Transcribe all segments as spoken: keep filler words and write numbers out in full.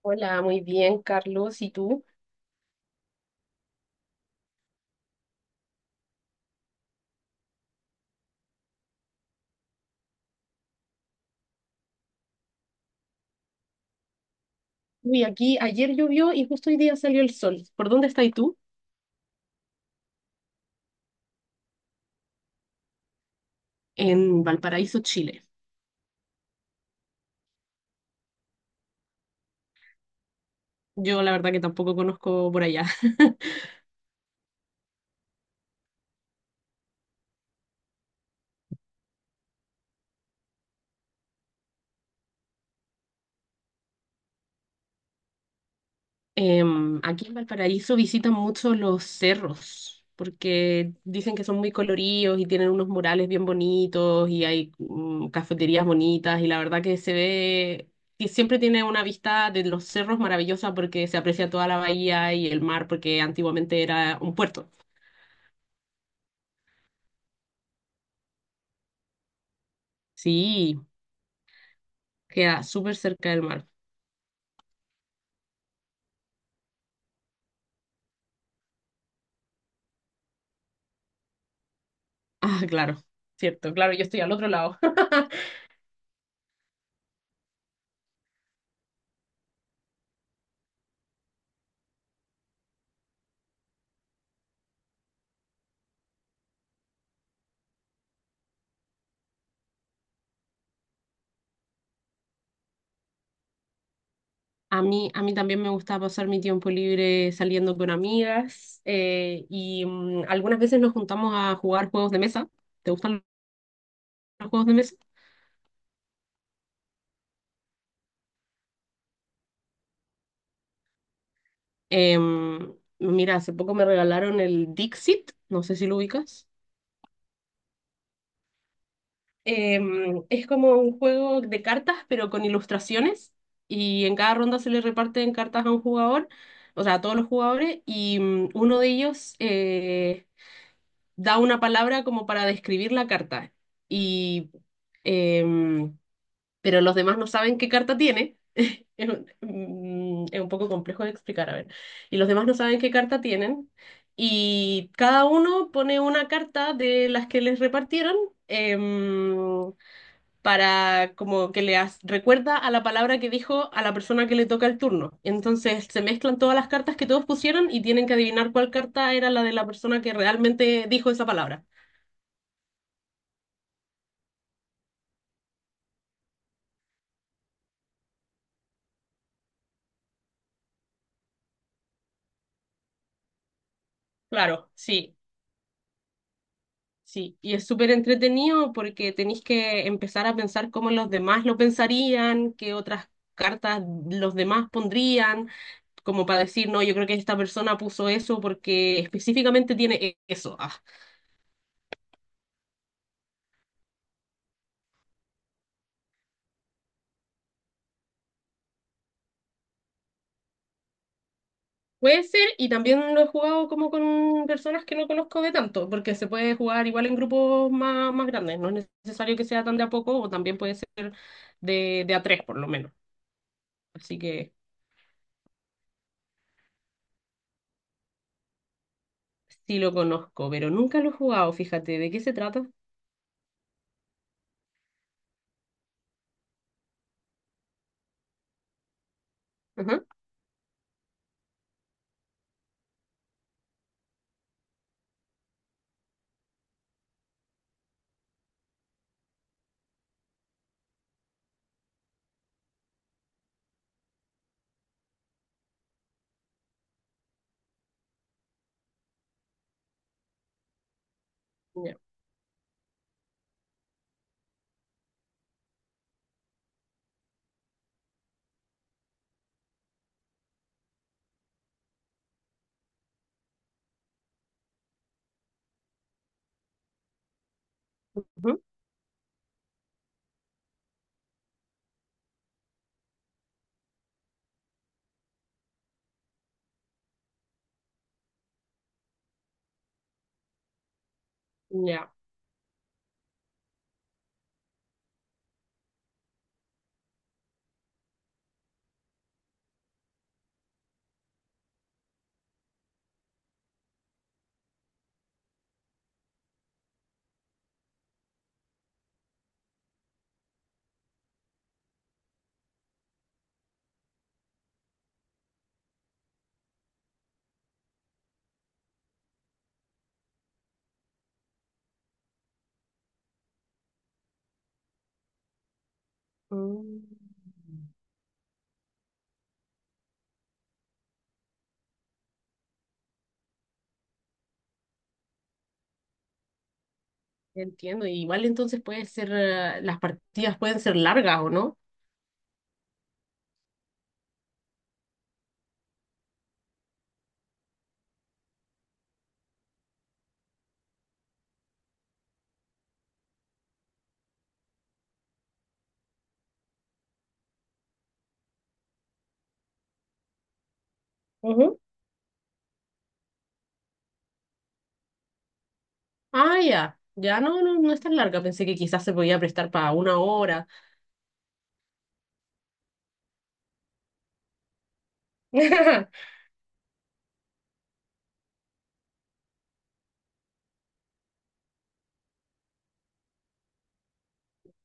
Hola, muy bien, Carlos. ¿Y tú? Uy, aquí ayer llovió y justo hoy día salió el sol. ¿Por dónde estás tú? En Valparaíso, Chile. Yo la verdad que tampoco conozco por allá. Em, aquí en Valparaíso visitan mucho los cerros, porque dicen que son muy coloridos y tienen unos murales bien bonitos y hay mm, cafeterías bonitas y la verdad que se ve, que siempre tiene una vista de los cerros maravillosa porque se aprecia toda la bahía y el mar porque antiguamente era un puerto. Sí. Queda súper cerca del mar. Ah, claro, cierto, claro, yo estoy al otro lado. A mí, a mí también me gusta pasar mi tiempo libre saliendo con amigas eh, y mm, algunas veces nos juntamos a jugar juegos de mesa. ¿Te gustan los juegos de mesa? Em, Mira, hace poco me regalaron el Dixit, no sé si lo ubicas. Em, es como un juego de cartas, pero con ilustraciones. Y en cada ronda se le reparten cartas a un jugador, o sea, a todos los jugadores, y mm, uno de ellos eh, da una palabra como para describir la carta. Y, em, pero los demás no saben qué carta tiene. Es un, mm, es un poco complejo de explicar, a ver. Y los demás no saben qué carta tienen. Y cada uno pone una carta de las que les repartieron, em, para como que le as- recuerda a la palabra que dijo a la persona que le toca el turno. Entonces se mezclan todas las cartas que todos pusieron y tienen que adivinar cuál carta era la de la persona que realmente dijo esa palabra. Claro, sí, sí. Y es súper entretenido porque tenéis que empezar a pensar cómo los demás lo pensarían, qué otras cartas los demás pondrían, como para decir, no, yo creo que esta persona puso eso porque específicamente tiene e- eso. Ah. Puede ser, y también lo he jugado como con personas que no conozco de tanto, porque se puede jugar igual en grupos más, más grandes, no es necesario que sea tan de a poco, o también puede ser de, de a tres por lo menos. Así que sí lo conozco, pero nunca lo he jugado, fíjate, ¿de qué se trata? Ajá, ya, ujú, ya. Mm, Entiendo, y igual entonces puede ser, eh, las partidas pueden ser largas o no. Ujú. Ah, ya, ya no, no, no es tan larga, pensé que quizás se podía prestar para una hora.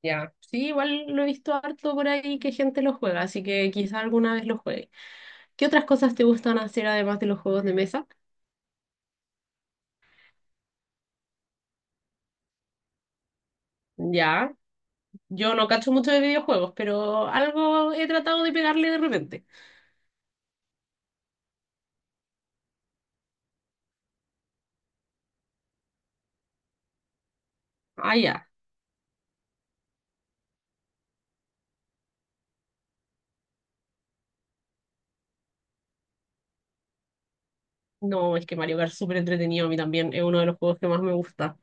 Ya, sí, igual lo he visto harto por ahí que gente lo juega, así que quizá alguna vez lo juegue. ¿Qué otras cosas te gustan hacer además de los juegos de mesa? Ya, yo no cacho mucho de videojuegos, pero algo he tratado de pegarle de repente. Ah, ya. No, es que Mario Kart es súper entretenido a mí también, es uno de los juegos que más me gusta.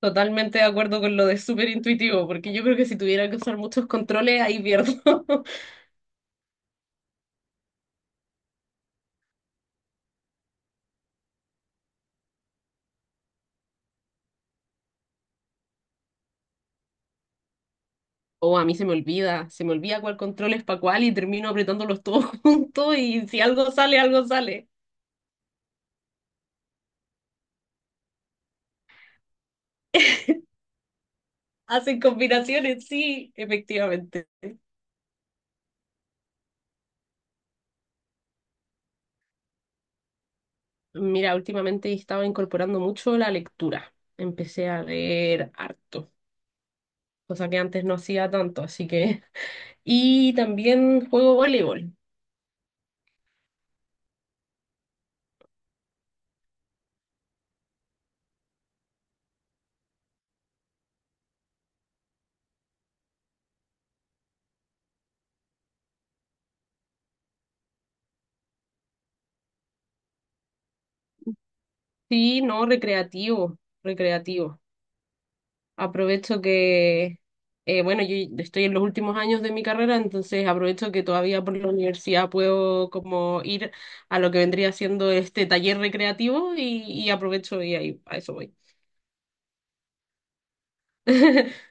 Totalmente de acuerdo con lo de súper intuitivo, porque yo creo que si tuviera que usar muchos controles, ahí pierdo. O a mí se me olvida, se me olvida cuál control es para cuál y termino apretándolos todos juntos y si algo sale, algo sale. Hacen combinaciones, sí, efectivamente. Mira, últimamente he estado incorporando mucho la lectura. Empecé a leer harto, cosa que antes no hacía tanto, así que... Y también juego voleibol. Sí, no, recreativo, recreativo. Aprovecho que, eh, bueno, yo estoy en los últimos años de mi carrera, entonces aprovecho que todavía por la universidad puedo como ir a lo que vendría siendo este taller recreativo y, y aprovecho y ahí a eso voy.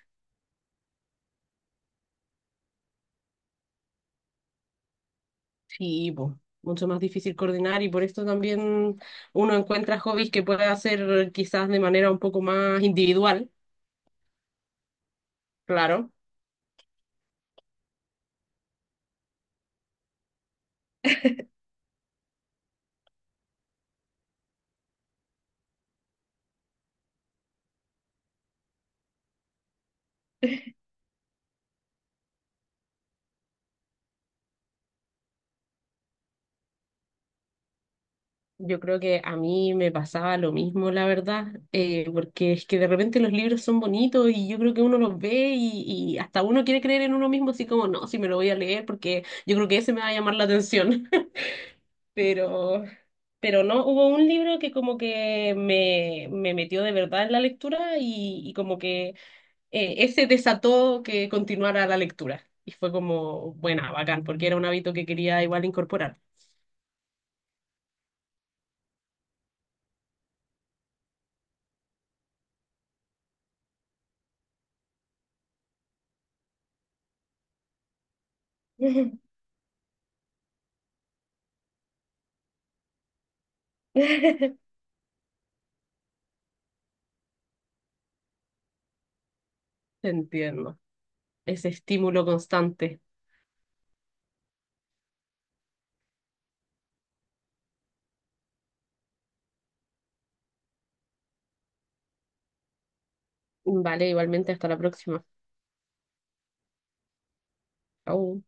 Sí, po, mucho más difícil coordinar y por esto también uno encuentra hobbies que puede hacer quizás de manera un poco más individual, claro. Yo creo que a mí me pasaba lo mismo, la verdad, eh, porque es que de repente los libros son bonitos y yo creo que uno los ve y, y hasta uno quiere creer en uno mismo, así como, no, si me lo voy a leer porque yo creo que ese me va a llamar la atención. Pero, pero no, hubo un libro que como que me, me metió de verdad en la lectura y y como que... eh, ese desató que continuara la lectura. Y fue como, buena, bacán, porque era un hábito que quería igual incorporar. Te entiendo. Ese estímulo constante. Vale, igualmente, hasta la próxima. Chau.